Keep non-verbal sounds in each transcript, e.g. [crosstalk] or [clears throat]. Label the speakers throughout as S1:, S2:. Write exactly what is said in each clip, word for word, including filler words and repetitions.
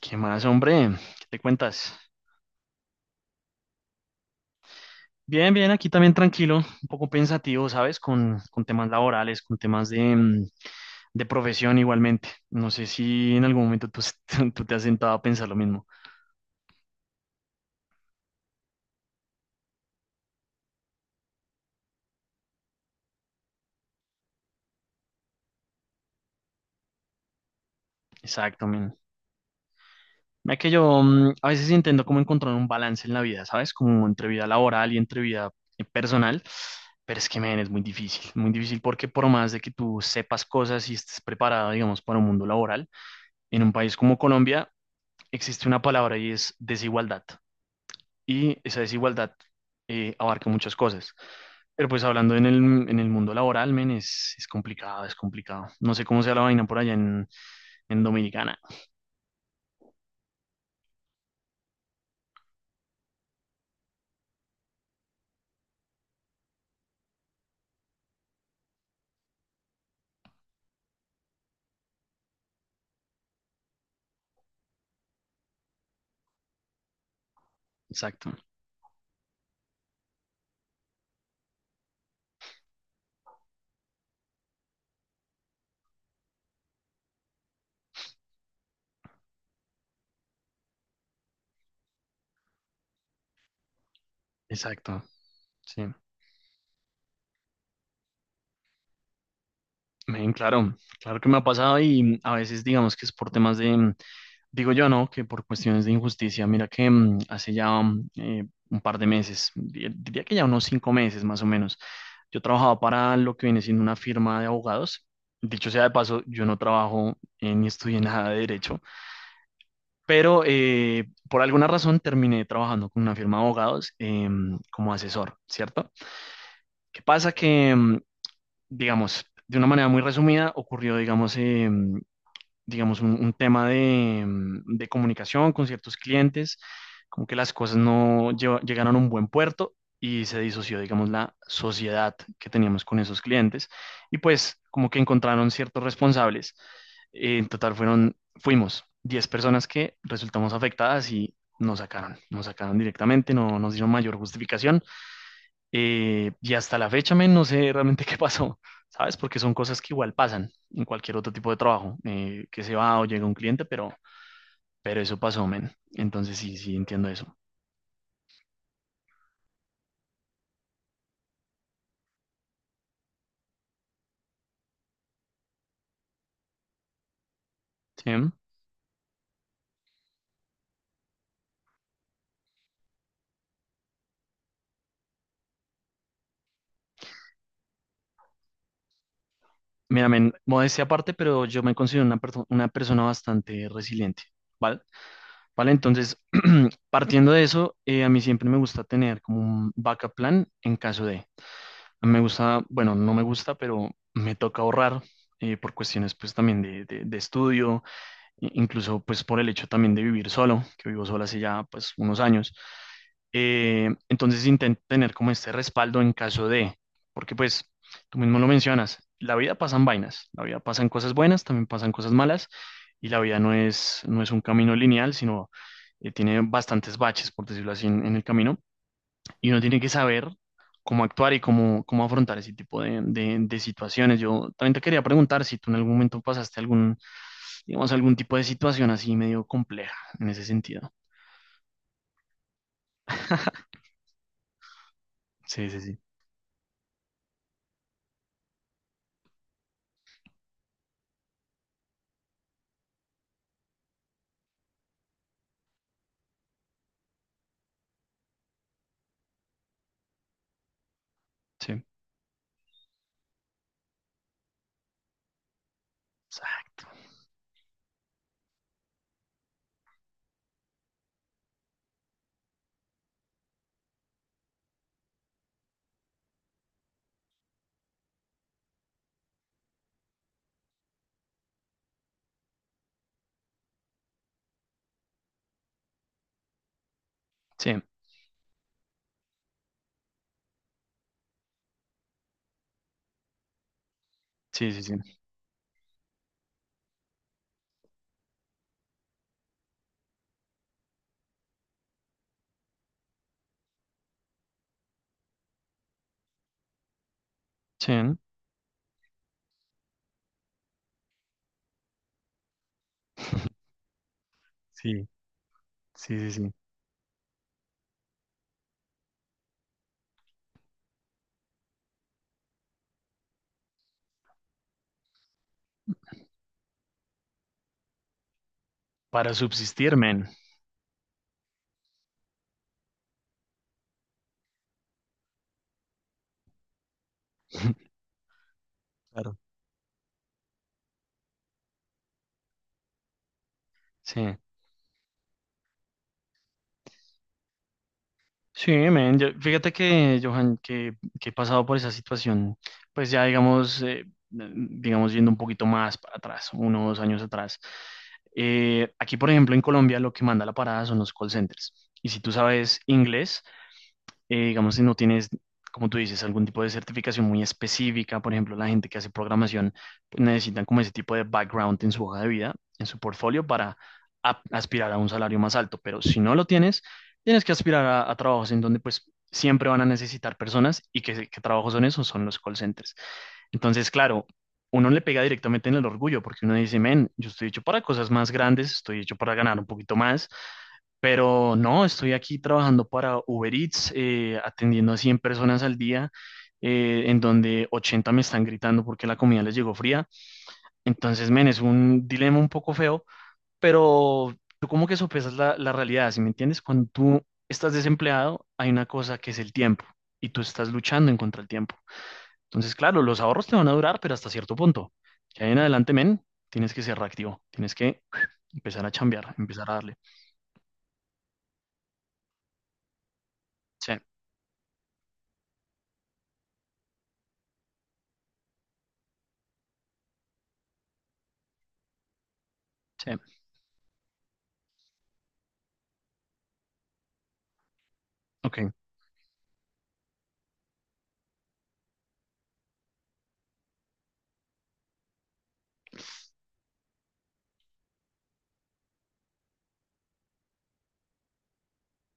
S1: ¿Qué más, hombre? ¿Qué te cuentas? Bien, bien, aquí también tranquilo, un poco pensativo, ¿sabes? Con, con temas laborales, con temas de, mm, de profesión igualmente. No sé si en algún momento tú, [laughs] tú te has sentado a pensar lo mismo. Exacto, men. Mira que yo mm, a veces intento como encontrar un balance en la vida, ¿sabes? Como entre vida laboral y entre vida eh, personal. Pero es que, men, es muy difícil, muy difícil, porque por más de que tú sepas cosas y estés preparado, digamos, para un mundo laboral, en un país como Colombia, existe una palabra y es desigualdad. Y esa desigualdad eh, abarca muchas cosas. Pero pues hablando en el, en el mundo laboral, men, es, es complicado, es complicado. No sé cómo sea la vaina por allá en, en Dominicana. Exacto, exacto. Sí. Men, claro, claro que me ha pasado, y a veces digamos que es por temas de, digo yo, ¿no? Que por cuestiones de injusticia. Mira que mm, hace ya mm, eh, un par de meses, di- diría que ya unos cinco meses más o menos. Yo trabajaba para lo que viene siendo una firma de abogados. Dicho sea de paso, yo no trabajo eh, ni estudié nada de derecho, pero eh, por alguna razón terminé trabajando con una firma de abogados em, como asesor, ¿cierto? ¿Qué pasa? Que, em, digamos, de una manera muy resumida, ocurrió, digamos, em, digamos, un, un tema de, mm, de comunicación con ciertos clientes, como que las cosas no lleva- llegaron a un buen puerto y se disoció, digamos, la sociedad que teníamos con esos clientes, y pues como que encontraron ciertos responsables. Eh, En total fueron, fuimos diez personas que resultamos afectadas y nos sacaron, nos sacaron directamente, no nos dieron mayor justificación, eh, y hasta la fecha, men, no sé realmente [laughs] qué pasó, ¿sabes? Porque son cosas que igual pasan en cualquier otro tipo de trabajo, eh, que se va o llega un cliente, pero, pero eso pasó, men. Entonces sí, sí, entiendo eso. ¿Sí? Mira, men, modestia aparte, pero yo me considero una, perso- una persona bastante resiliente, ¿vale? Vale, entonces, [clears throat] partiendo de eso, eh, a mí siempre me gusta tener como un backup plan en caso de, me gusta, bueno, no me gusta, pero me toca ahorrar eh, por cuestiones pues también de, de de estudio, i- incluso pues por el hecho también de vivir solo, que vivo solo hace ya pues unos años. Eh, entonces intento tener como este respaldo en caso de, porque pues tú mismo lo mencionas, la vida pasan vainas, la vida pasan cosas buenas, también pasan cosas malas, y la vida no es, no es un camino lineal, sino eh, tiene bastantes baches, por decirlo así, en en el camino, y uno tiene que saber cómo actuar y cómo, cómo afrontar ese tipo de, de- de situaciones. Yo también te quería preguntar si tú en algún momento pasaste algún, digamos, algún tipo de situación así medio compleja en ese sentido. [laughs] Sí, sí, sí, sí, exacto. Sí, sí, sí, sí, sí, ¿no? Sí, sí, sí, sí. Para subsistir, men. Claro. Sí. Sí, men, yo, fíjate que, Johan, que, que he pasado por esa situación, pues ya digamos, eh, digamos, yendo un poquito más para atrás, unos años atrás. Eh, aquí, por ejemplo, en Colombia, lo que manda la parada son los call centers. Y si tú sabes inglés, eh, digamos, si no tienes, como tú dices, algún tipo de certificación muy específica, por ejemplo, la gente que hace programación, pues, necesitan como ese tipo de background en su hoja de vida, en su portfolio, para a- aspirar a un salario más alto. Pero si no lo tienes, tienes que aspirar a, a trabajos en donde pues siempre van a necesitar personas, y que, que trabajos son esos, son los call centers. Entonces, claro, uno le pega directamente en el orgullo porque uno dice, men, yo estoy hecho para cosas más grandes, estoy hecho para ganar un poquito más. Pero no, estoy aquí trabajando para Uber Eats, eh, atendiendo a cien personas al día, eh, en donde ochenta me están gritando porque la comida les llegó fría. Entonces, men, es un dilema un poco feo, pero tú como que sopesas la, la realidad, ¿sí me entiendes? Cuando tú estás desempleado, hay una cosa que es el tiempo, y tú estás luchando en contra del tiempo. Entonces, claro, los ahorros te van a durar, pero hasta cierto punto. Ya en adelante, men, tienes que ser reactivo, tienes que [clears throat] empezar a chambear, empezar a darle. Sí, sí, ok.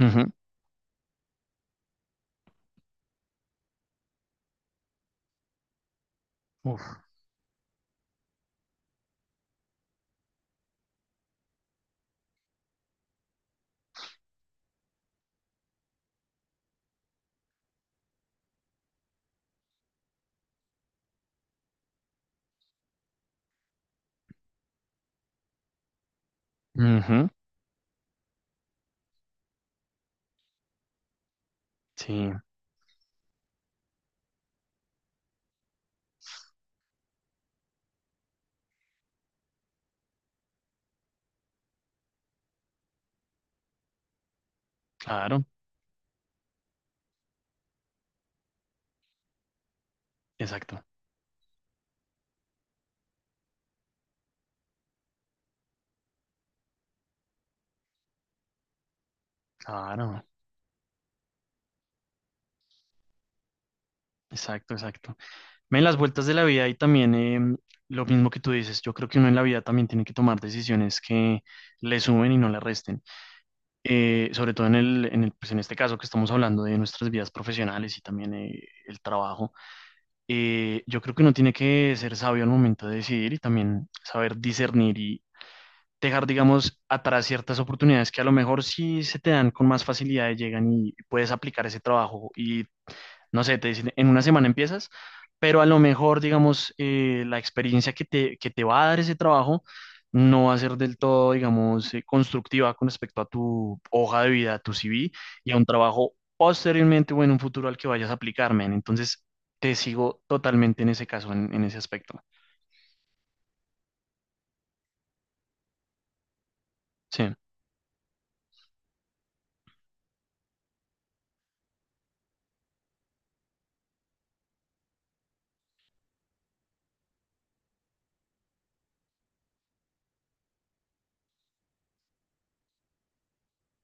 S1: Ujú. Uf. Ujú. Sí, claro, exacto, claro, exacto, exacto. En las vueltas de la vida y también em, lo mismo que tú dices, yo creo que uno en la vida también tiene que tomar decisiones que le sumen y no le resten. Eh, sobre todo en el, en el, pues en este caso que estamos hablando de nuestras vidas profesionales y también eh, el trabajo, eh, yo creo que uno tiene que ser sabio al momento de decidir y también saber discernir, dejar, digamos, atrás ciertas oportunidades que a lo mejor sí se te dan con más facilidad, llegan y puedes aplicar ese trabajo y, no sé, te dicen, en una semana empiezas, pero a lo mejor, digamos, eh, la experiencia que te, que te va a dar ese trabajo no va a ser del todo, digamos, eh, constructiva con respecto a tu hoja de vida, a tu C V y a un trabajo posteriormente o en un futuro al que vayas a aplicar, men. Entonces, te sigo totalmente en ese caso, en, en ese aspecto. Sí,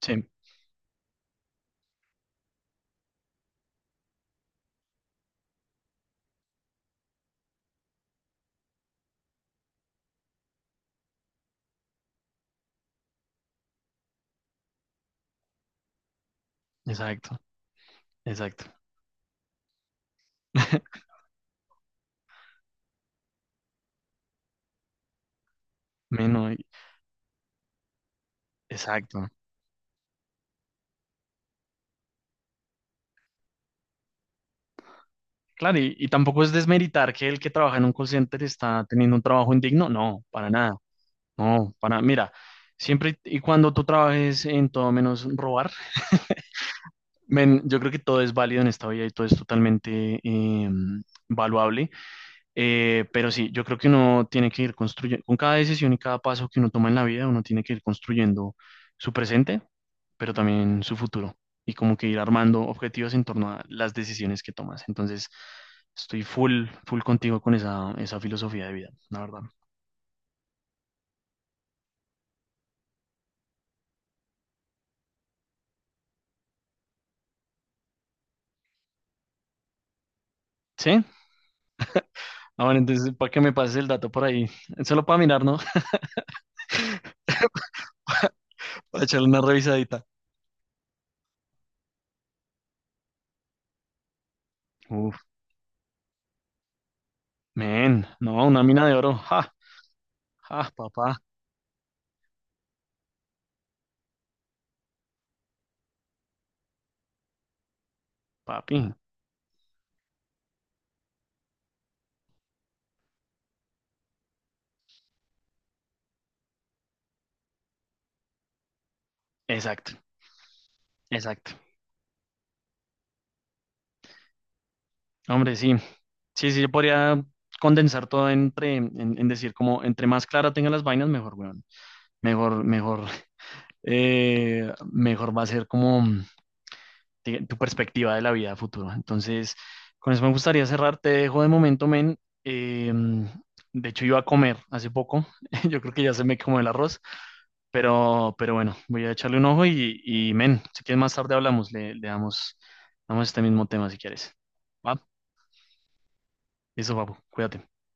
S1: sí, exacto, exacto. [laughs] Menos. Exacto. Claro, y, y tampoco es desmeritar que el que trabaja en un call center está teniendo un trabajo indigno. No, para nada. No, para, mira, siempre y cuando tú trabajes en todo menos robar, men, yo creo que todo es válido en esta vida y todo es totalmente eh, valuable. Eh, pero sí, yo creo que uno tiene que ir construyendo, con cada decisión y cada paso que uno toma en la vida, uno tiene que ir construyendo su presente, pero también su futuro, y como que ir armando objetivos en torno a las decisiones que tomas. Entonces, estoy full, full contigo con esa, esa filosofía de vida, la verdad. ¿Sí? [laughs] Ah, bueno, entonces, para que me pases el dato por ahí, solo para mirar, ¿no? [laughs] Para echarle una revisadita. Uf, men, no, una mina de oro. Ja, ja, papá. Papi, exacto, exacto. Hombre, sí, sí, sí, yo podría condensar todo entre, en, en decir como entre más clara tenga las vainas, mejor, weón. Mejor, mejor, eh, mejor va a ser como te- tu perspectiva de la vida a futuro. Entonces, con eso me gustaría cerrar, te dejo de momento, men. Eh, de hecho, iba a comer hace poco, [laughs] yo creo que ya se me quemó el arroz, pero, pero bueno, voy a echarle un ojo y, y men, si quieres más tarde hablamos, le, le damos, damos este mismo tema si quieres. ¿Va? Eso, papu, cuídate.